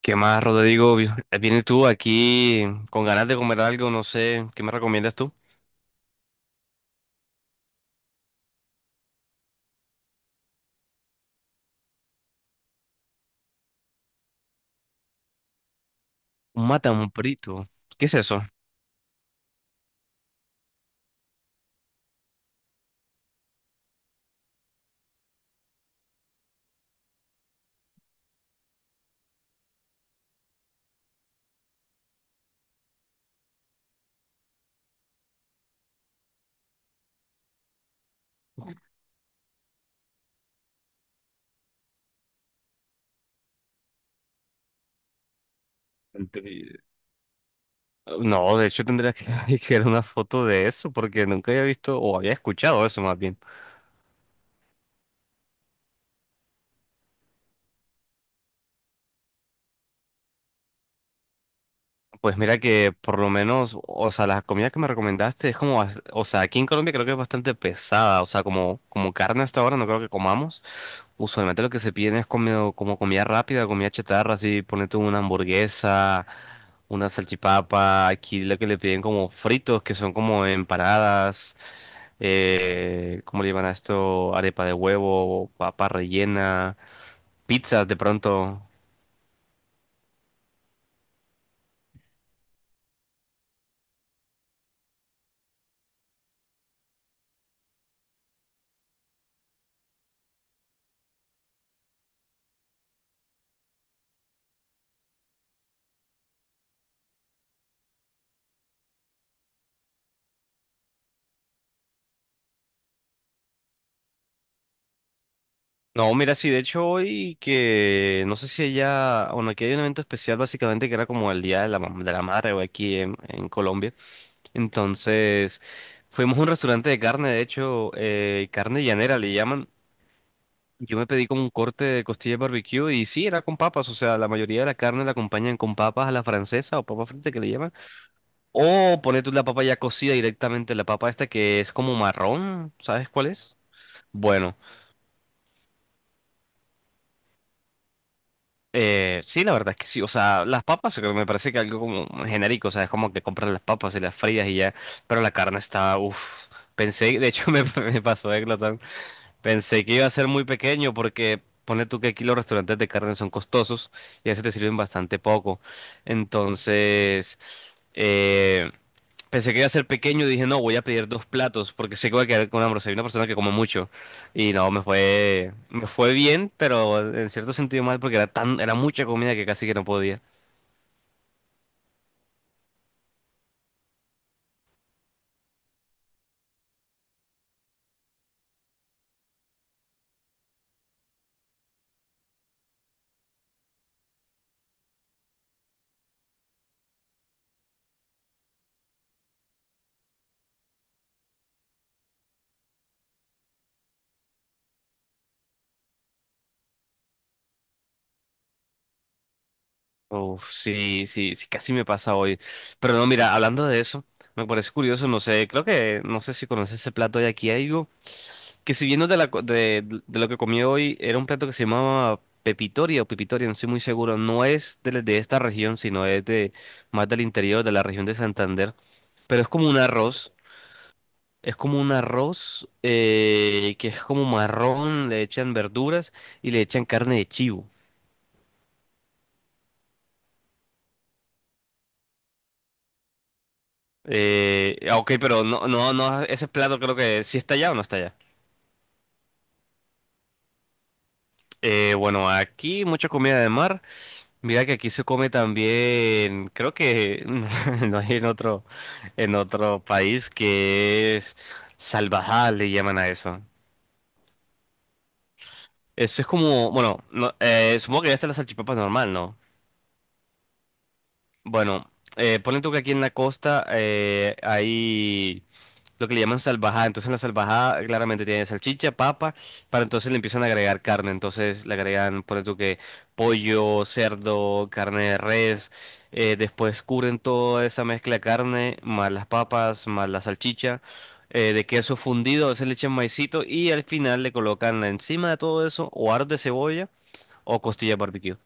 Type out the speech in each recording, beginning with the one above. ¿Qué más, Rodrigo? Vienes tú aquí con ganas de comer algo, no sé, ¿qué me recomiendas tú? Un matambrito. ¿Qué es eso? Entri- No, de hecho tendría que que ver una foto de eso porque nunca había visto o había escuchado eso más bien. Pues mira que por lo menos, o sea, la comida que me recomendaste es como, o sea, aquí en Colombia creo que es bastante pesada, o sea, como carne hasta ahora no creo que comamos. Usualmente lo que se piden es como comida rápida, comida chatarra, así, ponete una hamburguesa, una salchipapa, aquí lo que le piden como fritos, que son como empanadas, ¿cómo le llaman a esto? Arepa de huevo, papa rellena, pizzas de pronto. No, mira, sí, de hecho hoy que no sé si ella, bueno, aquí hay un evento especial básicamente que era como el Día de la, de la Madre o aquí en Colombia. Entonces, fuimos a un restaurante de carne, de hecho, carne llanera le llaman. Yo me pedí como un corte de costilla de barbecue y sí, era con papas, o sea, la mayoría de la carne la acompañan con papas a la francesa o papa frita que le llaman. O poner tú la papa ya cocida directamente, la papa esta que es como marrón, ¿sabes cuál es? Bueno. Sí, la verdad es que sí. O sea, las papas creo que me parece que algo como genérico. O sea, es como que compras las papas y las frías y ya. Pero la carne está, uff. Pensé, de hecho me pasó de glotón. Pensé que iba a ser muy pequeño porque pone tú que aquí los restaurantes de carne son costosos y a veces te sirven bastante poco. Entonces, eh, pensé que iba a ser pequeño y dije, no, voy a pedir dos platos porque sé que voy a quedar con hambre. Soy una persona que come mucho. Y no, me fue bien, pero en cierto sentido mal porque era tan, era mucha comida que casi que no podía. Uf, sí, sí, sí, casi me pasa hoy. Pero no, mira, hablando de eso, me parece curioso, no sé, creo que, no sé si conoces ese plato de aquí, hay algo que si viendo de, la, co- de lo que comí hoy, era un plato que se llamaba pepitoria o pepitoria, no estoy muy seguro, no es de esta región, sino es de más del interior, de la región de Santander, pero es como un arroz. Es como un arroz que es como marrón, le echan verduras y le echan carne de chivo. Ok, pero no, no, no, ese plato creo que sí está allá o no está allá. Bueno, aquí mucha comida de mar. Mira que aquí se come también, creo que no hay en en otro país que es salvajal. Le llaman a eso. Eso es como, bueno, no, supongo que ya está la salchipapa normal, ¿no? Bueno, ponle tú que aquí en la costa hay lo que le llaman salvajada. Entonces la salvajada claramente tiene salchicha, papa, para entonces le empiezan a agregar carne. Entonces le agregan, ponle tú que pollo, cerdo, carne de res. Después cubren toda esa mezcla de carne, más las papas, más la salchicha, de queso fundido. A veces le echan maicito y al final le colocan encima de todo eso o aros de cebolla o costillas barbecue.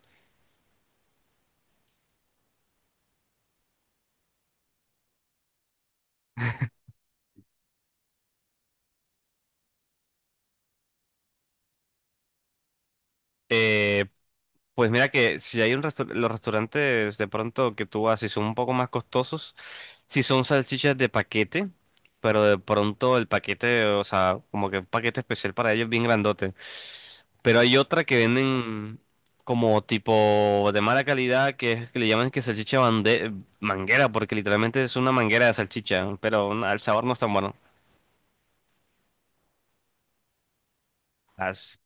Eh, Pues mira que si hay un los restaurantes de pronto que tú vas, si son un poco más costosos, si son salchichas de paquete, pero de pronto el paquete, o sea, como que un paquete especial para ellos bien grandote. Pero hay otra que venden como tipo de mala calidad que, que le llaman que salchicha manguera, porque literalmente es una manguera de salchicha, pero al sabor no es tan bueno. Las-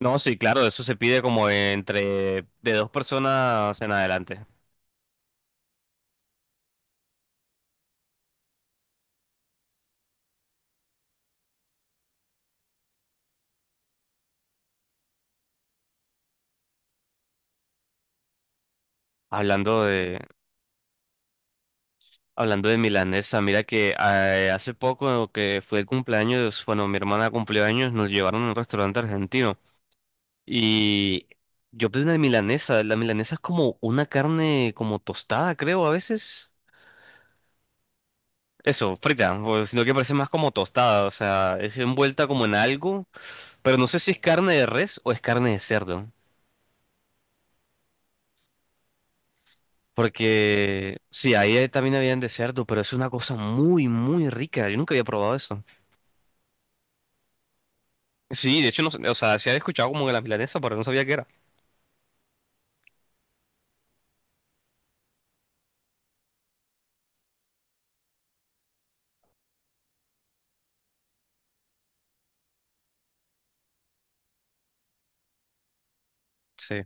No, sí, claro, eso se pide como entre de dos personas en adelante. Hablando de, Hablando de milanesa, mira que hace poco que fue el cumpleaños, bueno, mi hermana cumplió años, nos llevaron a un restaurante argentino y yo pedí una milanesa. La milanesa es como una carne como tostada, creo, a veces. Eso, frita, o sino que parece más como tostada, o sea, es envuelta como en algo, pero no sé si es carne de res o es carne de cerdo. Porque sí, ahí también habían de cerdo, pero es una cosa muy, muy rica. Yo nunca había probado eso. Sí, de hecho, no, sé, o sea, se había escuchado como que la milanesa, pero no sabía qué era. Sí,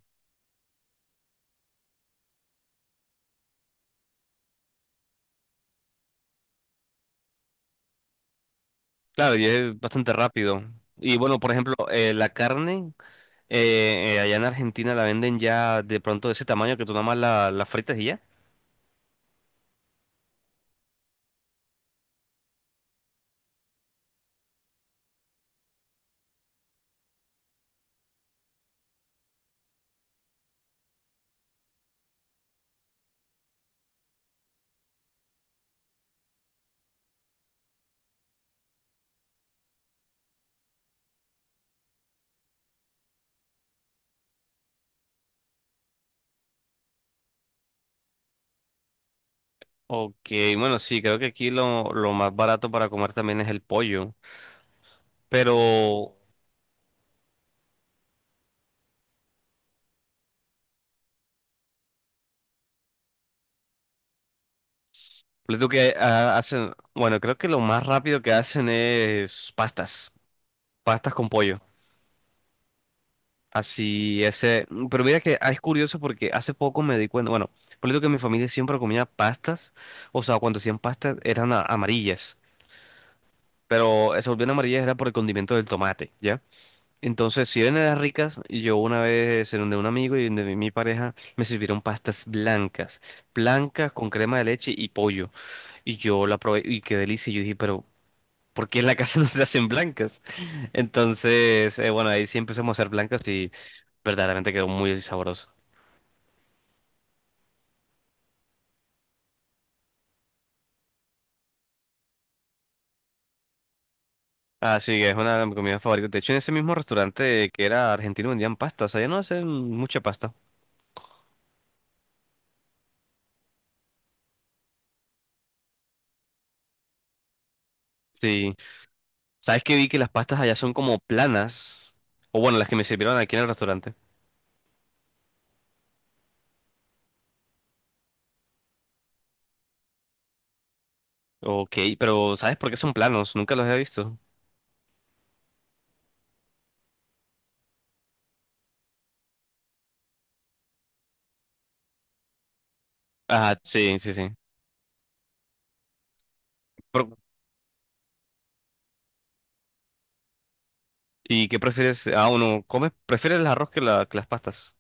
claro, y es bastante rápido. Y bueno, por ejemplo, allá en Argentina la venden ya de pronto de ese tamaño que tú nada más la fritas y ya. Ok, bueno, sí, creo que aquí lo más barato para comer también es el pollo. Pero, les digo que ah, hacen, bueno, creo que lo más rápido que hacen es pastas, pastas con pollo. Así, ese. Pero mira que ah, es curioso porque hace poco me di cuenta. Bueno, por lo que mi familia siempre comía pastas. O sea, cuando hacían pastas eran amarillas. Pero se volvían amarillas era por el condimento del tomate, ¿ya? Entonces, si bien eran ricas, yo una vez en donde un amigo y donde mi pareja me sirvieron pastas blancas. Blancas con crema de leche y pollo. Y yo la probé y qué delicia. Y yo dije, pero porque en la casa no se hacen blancas. Entonces, bueno, ahí sí empezamos a hacer blancas y verdaderamente quedó muy sabroso. Así que es una de mis comidas favoritas. De hecho, en ese mismo restaurante que era argentino vendían pastas. Allá no hacen mucha pasta. Sí. ¿Sabes que vi que las pastas allá son como planas? O bueno, las que me sirvieron aquí en el restaurante. Ok, pero ¿sabes por qué son planos? Nunca los había visto. Ah, sí, sí, sí. Pero ¿y qué prefieres? Ah, uno come, prefieres el arroz que las pastas.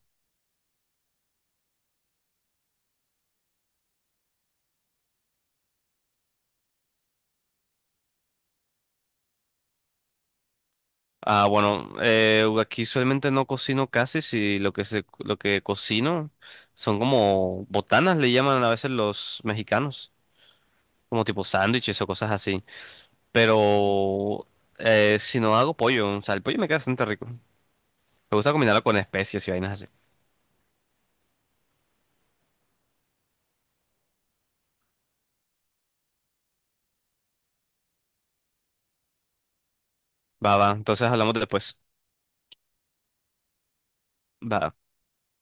Ah, bueno, aquí usualmente no cocino casi, si lo que se, lo que cocino son como botanas, le llaman a veces los mexicanos, como tipo sándwiches o cosas así. Pero si no hago pollo, o sea, el pollo me queda bastante rico. Me gusta combinarlo con especias y vainas así. Va, va, entonces hablamos después. Va.